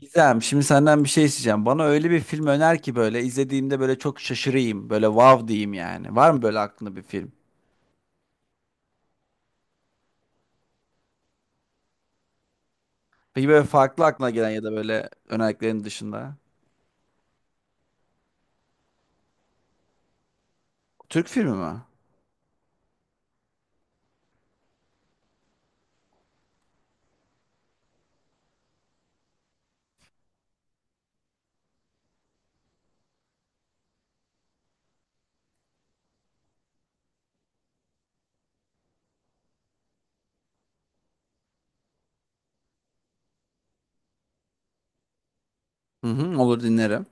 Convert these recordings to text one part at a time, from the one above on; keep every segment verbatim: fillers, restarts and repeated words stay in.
Gizem, şimdi senden bir şey isteyeceğim. Bana öyle bir film öner ki böyle izlediğimde böyle çok şaşırayım. Böyle wow diyeyim yani. Var mı böyle aklında bir film? Peki böyle farklı aklına gelen ya da böyle önerilerin dışında. Türk filmi mi? Hı hı, olur dinlerim.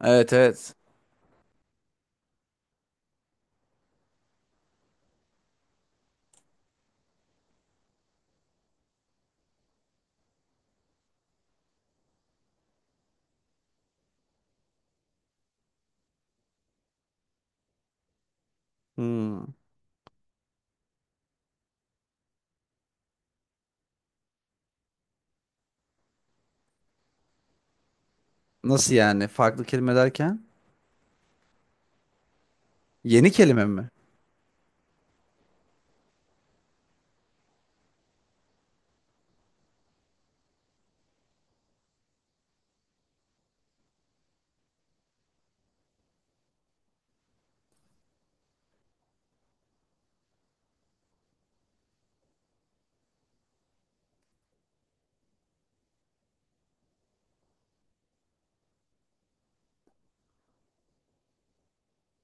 Evet, evet. Hmm. Nasıl yani? Farklı kelime derken? Yeni kelime mi?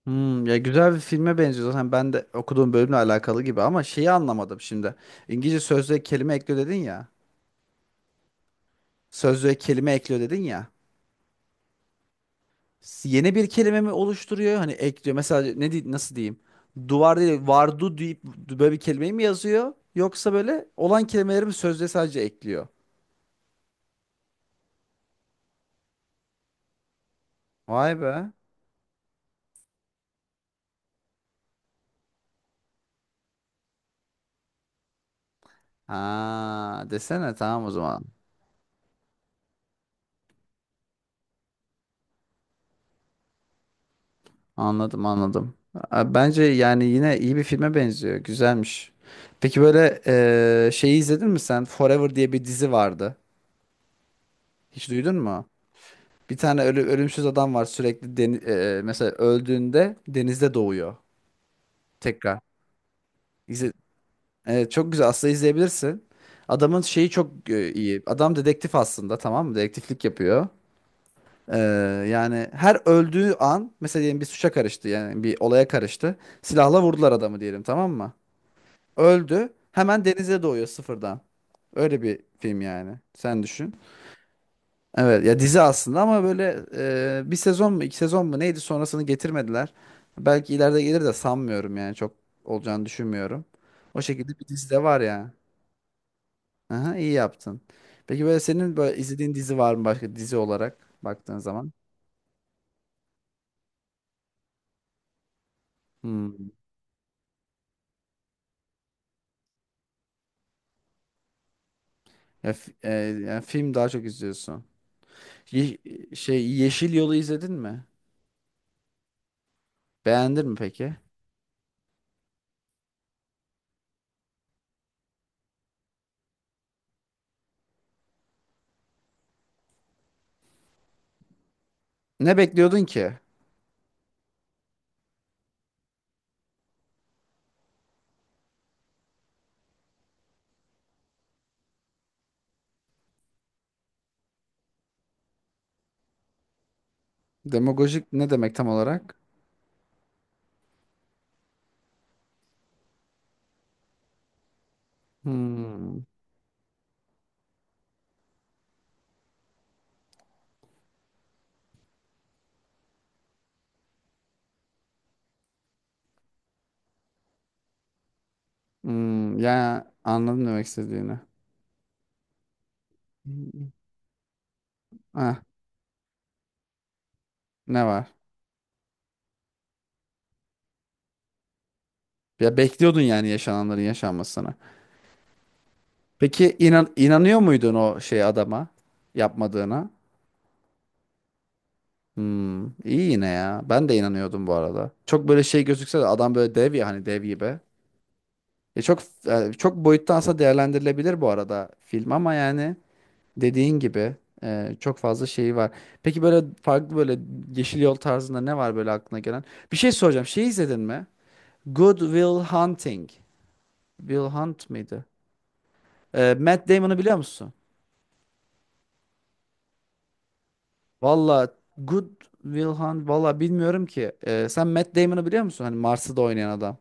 Hmm, ya güzel bir filme benziyor zaten ben de okuduğum bölümle alakalı gibi ama şeyi anlamadım şimdi. İngilizce sözlüğe kelime ekliyor dedin ya. Sözlüğe kelime ekliyor dedin ya. S- yeni bir kelime mi oluşturuyor? Hani ekliyor. Mesela ne di- nasıl diyeyim? Duvar değil, vardu deyip böyle bir kelimeyi mi yazıyor? Yoksa böyle olan kelimeleri mi sözde sadece ekliyor? Vay be. Ha, desene tamam o zaman. Anladım, anladım. A- Bence yani yine iyi bir filme benziyor. Güzelmiş. Peki böyle eee, şeyi izledin mi sen? Forever diye bir dizi vardı. Hiç duydun mu? Bir tane ölü, ölümsüz adam var sürekli deni- eee, mesela öldüğünde denizde doğuyor tekrar. İzle Evet, çok güzel aslında izleyebilirsin. Adamın şeyi çok e, iyi. Adam dedektif aslında, tamam mı? Dedektiflik yapıyor. Ee, Yani her öldüğü an, mesela diyelim bir suça karıştı yani bir olaya karıştı. Silahla vurdular adamı diyelim, tamam mı? Öldü. Hemen denize doğuyor sıfırdan. Öyle bir film yani. Sen düşün. Evet ya, dizi aslında ama böyle e, bir sezon mu iki sezon mu neydi, sonrasını getirmediler. Belki ileride gelir de sanmıyorum yani çok olacağını düşünmüyorum. O şekilde bir dizi de var ya. Aha, iyi yaptın. Peki böyle senin böyle izlediğin dizi var mı, başka dizi olarak baktığın zaman? Hmm. Ya, fi- e, Yani film daha çok izliyorsun. Ye- Şey, Yeşil Yol'u izledin mi? Beğendin mi peki? Ne bekliyordun ki? Demagojik ne demek tam olarak? Hmm. Hmm. Ya anladım demek istediğini. Hmm. Ah, ne var? Ya bekliyordun yani yaşananların yaşanmasını. Peki inan inanıyor muydun o şey adama yapmadığına? Hmm, iyi yine ya. Ben de inanıyordum bu arada. Çok böyle şey gözükse de adam böyle dev ya, hani dev gibi. E çok e, çok boyutta aslında değerlendirilebilir bu arada film ama yani dediğin gibi e, çok fazla şeyi var. Peki böyle farklı böyle Yeşil Yol tarzında ne var böyle aklına gelen? Bir şey soracağım. Şey izledin mi? Good Will Hunting. Will Hunt mıydı? E, Matt Damon'u biliyor musun? Valla Good Will Hunt valla bilmiyorum ki. E, sen Matt Damon'u biliyor musun? Hani Mars'ı da oynayan adam.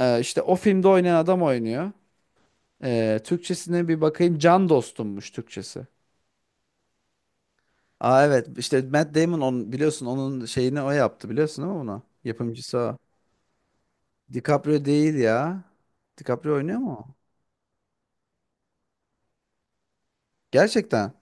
Ee, işte o filmde oynayan adam oynuyor. Ee, Türkçesine bir bakayım. Can dostummuş Türkçesi. Aa evet, işte Matt Damon on, biliyorsun onun şeyini o yaptı, biliyorsun değil mi bunu? Yapımcısı o. DiCaprio değil ya. DiCaprio oynuyor mu o? Gerçekten.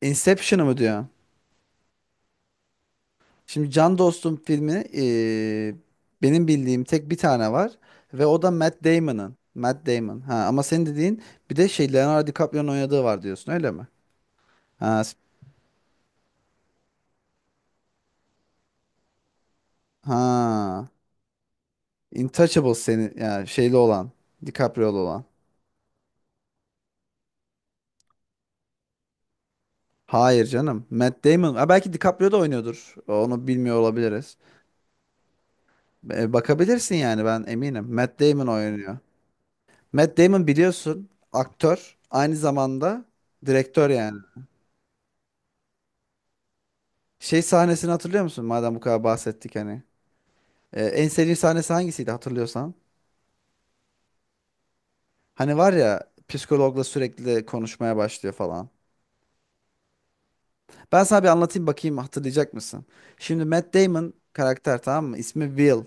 Inception'ı mı diyor? Şimdi Can Dostum filmi, eee, benim bildiğim tek bir tane var ve o da Matt Damon'ın. Matt Damon. Ha ama senin dediğin bir de şey, Leonardo DiCaprio'nun oynadığı var diyorsun, öyle mi? Ha, s- ha. Intouchable seni yani şeyli olan. DiCaprio'lu olan. Hayır canım. Matt Damon. Ha, belki DiCaprio da oynuyordur. Onu bilmiyor olabiliriz. E, bakabilirsin yani, ben eminim. Matt Damon oynuyor. Matt Damon biliyorsun aktör. Aynı zamanda direktör yani. Şey, sahnesini hatırlıyor musun? Madem bu kadar bahsettik hani. E, en sevdiğin sahnesi hangisiydi hatırlıyorsan? Hani var ya, psikologla sürekli konuşmaya başlıyor falan. Ben sana bir anlatayım, bakayım hatırlayacak mısın? Şimdi Matt Damon karakter, tamam mı? İsmi Will.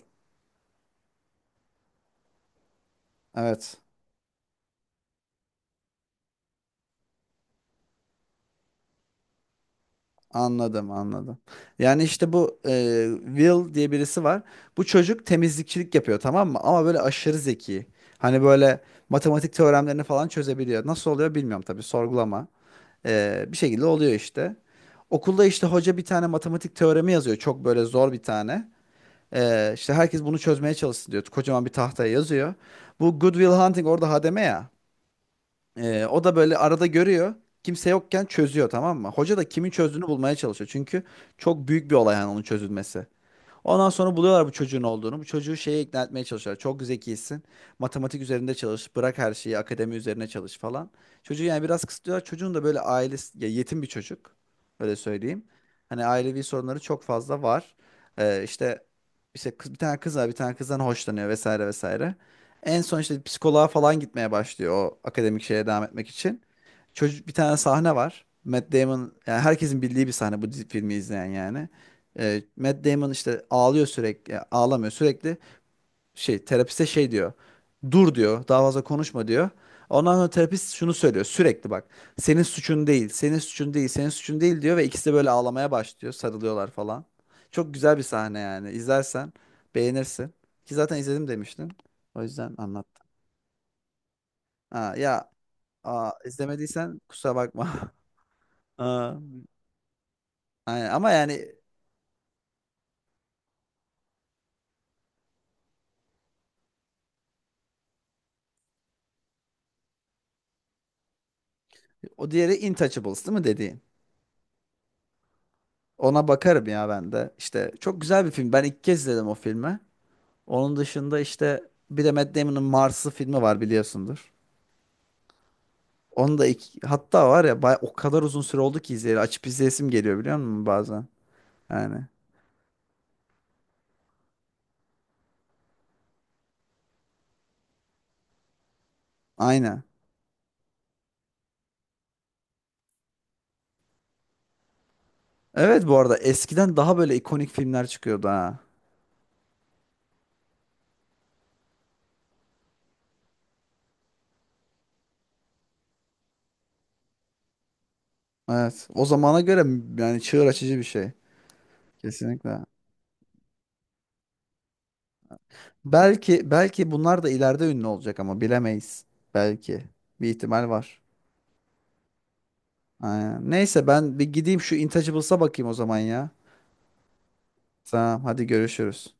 Evet. Anladım, anladım. Yani işte bu e, Will diye birisi var. Bu çocuk temizlikçilik yapıyor, tamam mı? Ama böyle aşırı zeki. Hani böyle matematik teoremlerini falan çözebiliyor. Nasıl oluyor bilmiyorum tabii, sorgulama. E, bir şekilde oluyor işte. Okulda işte hoca bir tane matematik teoremi yazıyor. Çok böyle zor bir tane. E, işte herkes bunu çözmeye çalışsın diyor. Kocaman bir tahtaya yazıyor. Bu Good Will Hunting orada hademe ya. Ee, o da böyle arada görüyor. Kimse yokken çözüyor, tamam mı? Hoca da kimin çözdüğünü bulmaya çalışıyor. Çünkü çok büyük bir olay yani onun çözülmesi. Ondan sonra buluyorlar bu çocuğun olduğunu. Bu çocuğu şeye ikna etmeye çalışıyorlar. Çok zekisin. Matematik üzerinde çalış. Bırak her şeyi. Akademi üzerine çalış falan. Çocuğu yani biraz kısıtlıyorlar. Çocuğun da böyle ailesi ya, yetim bir çocuk. Öyle söyleyeyim. Hani ailevi sorunları çok fazla var. Ee, işte işte kız, bir tane kız var. Bir tane kızdan hoşlanıyor vesaire vesaire. En son işte psikoloğa falan gitmeye başlıyor o akademik şeye devam etmek için. Çocuk, bir tane sahne var. Matt Damon yani herkesin bildiği bir sahne, bu dizi- filmi izleyen yani. E, Matt Damon işte ağlıyor sürekli, ya ağlamıyor sürekli. Şey, terapiste şey diyor. Dur diyor, daha fazla konuşma diyor. Ondan sonra terapist şunu söylüyor sürekli, bak. Senin suçun değil, senin suçun değil, senin suçun değil diyor ve ikisi de böyle ağlamaya başlıyor, sarılıyorlar falan. Çok güzel bir sahne yani. İzlersen beğenirsin. Ki zaten izledim demiştin. O yüzden anlattım. Ha, ya aa, izlemediysen kusura bakma. Aa, aynen. Ama yani o diğeri Intouchables değil mi dediğin? Ona bakarım ya ben de. İşte çok güzel bir film. Ben ilk kez izledim o filmi. Onun dışında işte bir de Matt Damon'ın Mars'ı filmi var, biliyorsundur. Onu da ilk, hatta var ya baya, o kadar uzun süre oldu ki izleyeli. Açıp izleyesim geliyor biliyor musun bazen? Yani. Aynen. Evet bu arada eskiden daha böyle ikonik filmler çıkıyordu ha. Evet. O zamana göre m- yani çığır açıcı bir şey. Kesinlikle. Belki belki bunlar da ileride ünlü olacak ama bilemeyiz. Belki. Bir ihtimal var. Aynen. Neyse ben bir gideyim şu Intouchables'a bakayım o zaman ya. Tamam hadi, görüşürüz.